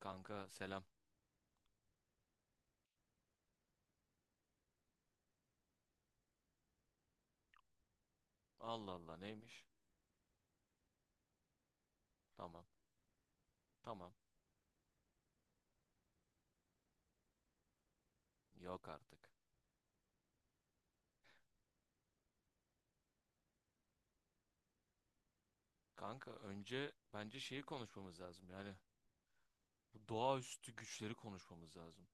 Kanka selam. Allah Allah neymiş? Tamam. Tamam. Yok artık. Kanka önce bence şeyi konuşmamız lazım. Yani bu doğaüstü güçleri konuşmamız lazım.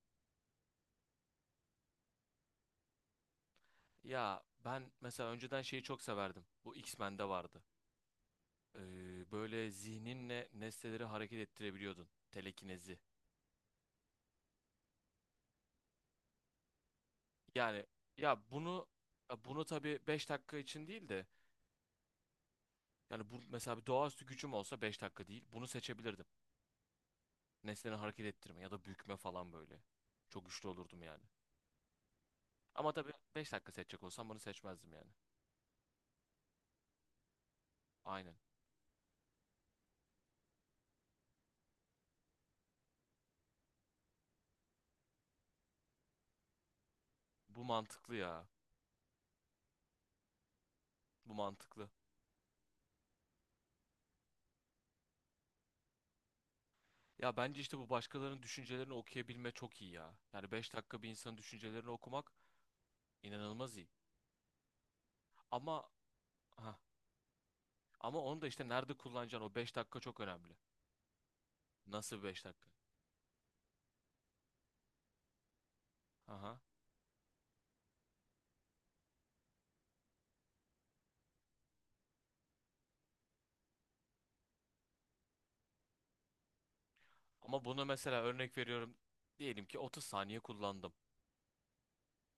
Ya ben mesela önceden şeyi çok severdim. Bu X-Men'de vardı. Böyle zihninle nesneleri hareket ettirebiliyordun. Telekinezi. Yani ya bunu ya bunu tabii 5 dakika için değil de, yani bu mesela bir doğaüstü gücüm olsa 5 dakika değil, bunu seçebilirdim. Nesneleri hareket ettirme ya da bükme falan böyle. Çok güçlü olurdum yani. Ama tabii 5 dakika seçecek olsam bunu seçmezdim yani. Aynen. Bu mantıklı ya. Bu mantıklı. Ya bence işte bu başkalarının düşüncelerini okuyabilme çok iyi ya. Yani 5 dakika bir insanın düşüncelerini okumak inanılmaz iyi. Ama ha ama onu da, işte nerede kullanacaksın, o 5 dakika çok önemli. Nasıl 5 dakika? Aha. Ama bunu mesela örnek veriyorum. Diyelim ki 30 saniye kullandım.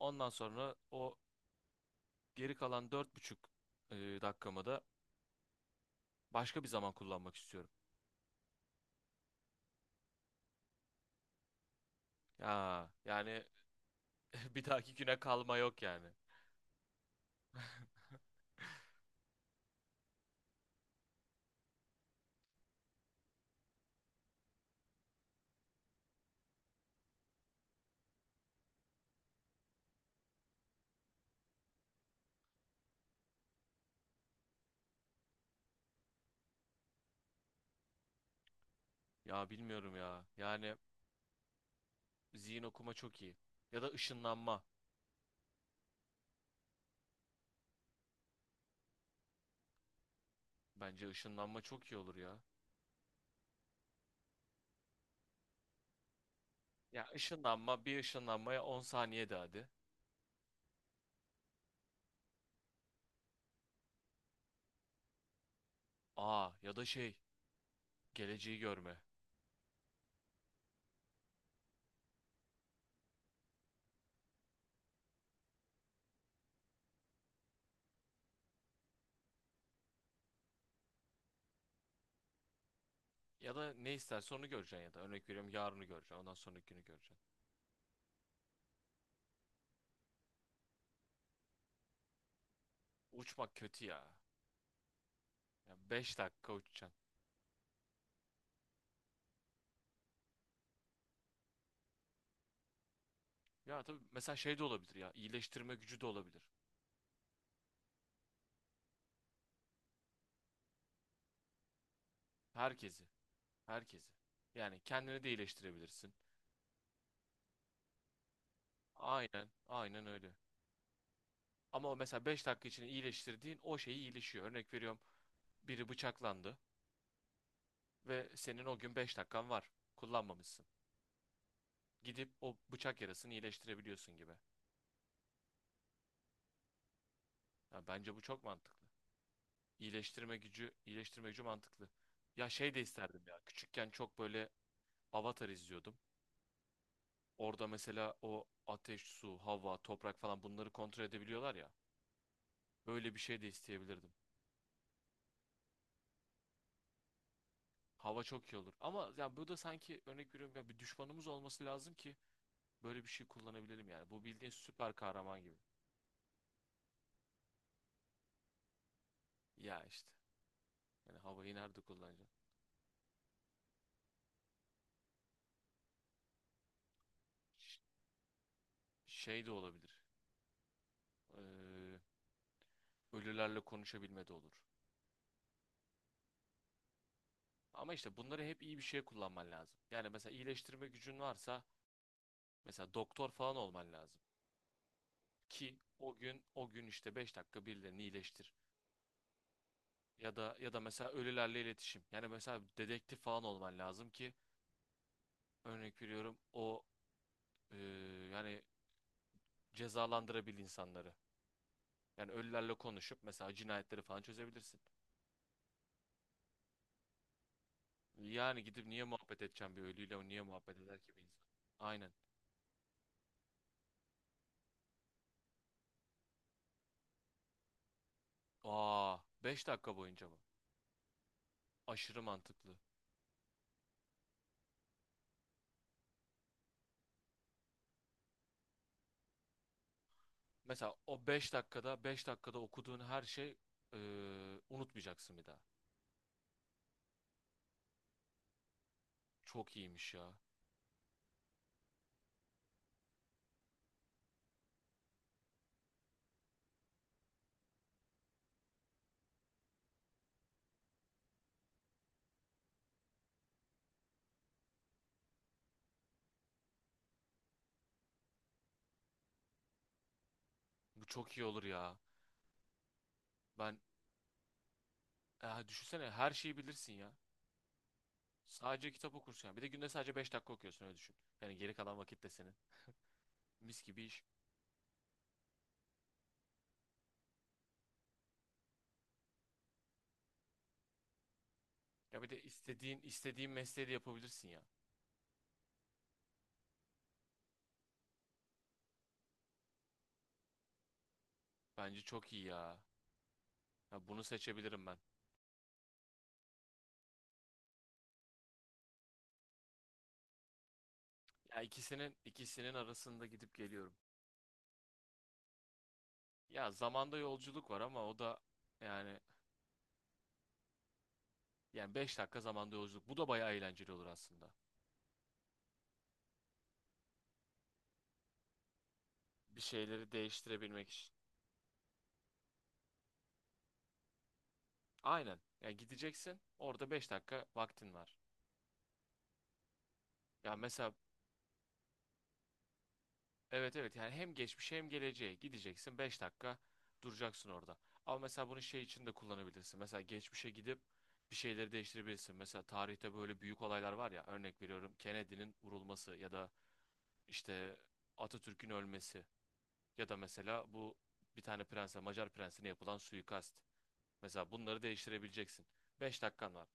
Ondan sonra o geri kalan 4,5 dakikamı da başka bir zaman kullanmak istiyorum. Ya yani, bir dahaki güne kalma yok yani. Ya bilmiyorum ya. Yani zihin okuma çok iyi. Ya da ışınlanma. Bence ışınlanma çok iyi olur ya. Ya ışınlanma, bir ışınlanmaya 10 saniye de hadi. Aa, ya da şey, geleceği görme. Ya da ne istersen onu göreceksin, ya da örnek veriyorum yarını göreceksin, ondan sonraki günü göreceksin. Uçmak kötü ya. Ya 5 dakika uçacaksın. Ya tabii mesela şey de olabilir ya, iyileştirme gücü de olabilir. Herkesi. Herkesi. Yani kendini de iyileştirebilirsin. Aynen. Aynen öyle. Ama o mesela 5 dakika içinde iyileştirdiğin o şeyi iyileşiyor. Örnek veriyorum, biri bıçaklandı ve senin o gün 5 dakikan var. Kullanmamışsın. Gidip o bıçak yarasını iyileştirebiliyorsun gibi. Ya bence bu çok mantıklı. İyileştirme gücü, iyileştirme gücü mantıklı. Ya şey de isterdim ya. Küçükken çok böyle Avatar izliyordum. Orada mesela o ateş, su, hava, toprak falan, bunları kontrol edebiliyorlar ya. Öyle bir şey de isteyebilirdim. Hava çok iyi olur. Ama ya bu da, sanki örnek veriyorum ya, bir düşmanımız olması lazım ki böyle bir şey kullanabilirim yani. Bu bildiğin süper kahraman gibi. Ya işte. Yani havayı nerede kullanacaksın? Ş- Şey de olabilir. Ee, Ölülerle konuşabilme de olur. Ama işte bunları hep iyi bir şeye kullanman lazım. Yani mesela iyileştirme gücün varsa, mesela doktor falan olman lazım. Ki o gün işte 5 dakika birilerini iyileştir. Ya da mesela ölülerle iletişim. Yani mesela dedektif falan olman lazım ki, örnek veriyorum, o, ee, yani cezalandırabil insanları. Yani ölülerle konuşup mesela cinayetleri falan çözebilirsin. Yani gidip niye muhabbet edeceğim bir ölüyle, niye muhabbet eder ki bir insan? Aynen. Aa, 5 dakika boyunca mı? Aşırı mantıklı. Mesela o beş dakikada okuduğun her şey eee, unutmayacaksın bir daha. Çok iyiymiş ya. Bu çok iyi olur ya. Ben, ya düşünsene, her şeyi bilirsin ya. Sadece kitap okursun ya. Bir de günde sadece 5 dakika okuyorsun, öyle düşün. Yani geri kalan vakit de senin. Mis gibi iş. Ya bir de istediğin mesleği de yapabilirsin ya. Bence çok iyi ya. Ya bunu seçebilirim ben. Ya ikisinin arasında gidip geliyorum. Ya zamanda yolculuk var, ama o da, yani yani 5 dakika zamanda yolculuk, bu da bayağı eğlenceli olur aslında. Bir şeyleri değiştirebilmek için. Aynen. Yani gideceksin, orada 5 dakika vaktin var. Ya mesela, evet, evet, yani hem geçmişe hem geleceğe gideceksin, 5 dakika duracaksın orada. Ama mesela bunu şey için de kullanabilirsin. Mesela geçmişe gidip bir şeyleri değiştirebilirsin. Mesela tarihte böyle büyük olaylar var ya, örnek veriyorum, Kennedy'nin vurulması, ya da işte Atatürk'ün ölmesi, ya da mesela bu bir tane prense, Macar prensine yapılan suikast. Mesela bunları değiştirebileceksin, 5 dakikan var.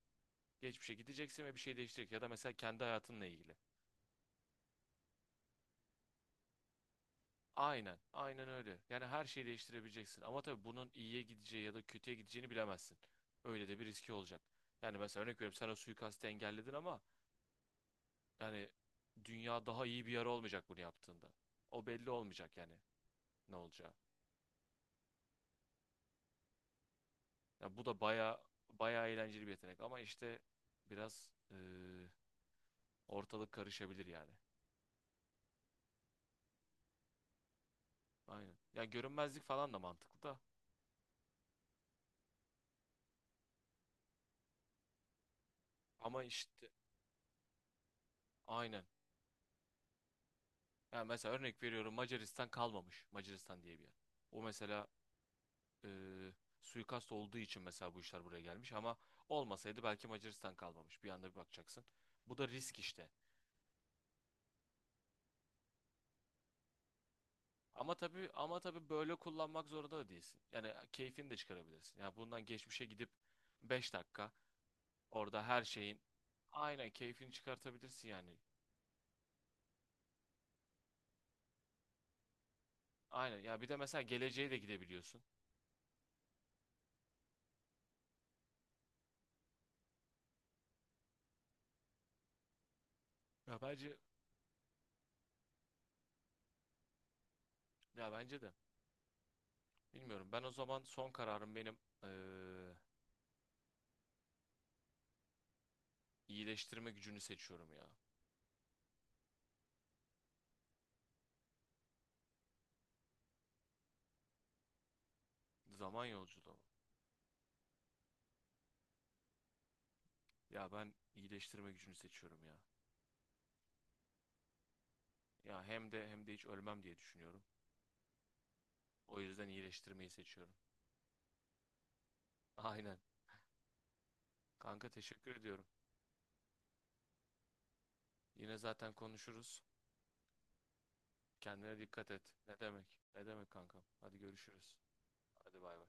Geçmişe gideceksin ve bir şey değiştirecek, ya da mesela kendi hayatınla ilgili. Aynen, aynen öyle. Yani her şeyi değiştirebileceksin. Ama tabii bunun iyiye gideceği ya da kötüye gideceğini bilemezsin. Öyle de bir riski olacak. Yani mesela örnek veriyorum, sen o suikastı engelledin ama, yani, dünya daha iyi bir yer olmayacak bunu yaptığında. O belli olmayacak yani, ne olacağı. Ya bu da baya baya eğlenceli bir yetenek, ama işte biraz, ortalık karışabilir yani. Aynen. Ya görünmezlik falan da mantıklı da, ama işte, aynen. Yani mesela örnek veriyorum, Macaristan kalmamış. Macaristan diye bir yer. O mesela, e, suikast olduğu için mesela bu işler buraya gelmiş, ama olmasaydı belki Macaristan kalmamış. Bir anda bir bakacaksın. Bu da risk işte. Ama tabii böyle kullanmak zorunda da değilsin. Yani keyfini de çıkarabilirsin. Yani bundan, geçmişe gidip 5 dakika orada her şeyin, aynen, keyfini çıkartabilirsin yani. Aynen. Ya bir de mesela geleceğe de gidebiliyorsun. Ya bence ya bence de bilmiyorum. Ben o zaman son kararım, benim eee, iyileştirme gücünü seçiyorum ya. Zaman yolculuğu. Ya ben iyileştirme gücünü seçiyorum ya. Ya hem de hiç ölmem diye düşünüyorum. O yüzden iyileştirmeyi seçiyorum. Aynen. Kanka teşekkür ediyorum. Yine zaten konuşuruz. Kendine dikkat et. Ne demek? Ne demek kankam? Hadi görüşürüz. Hadi bay bay.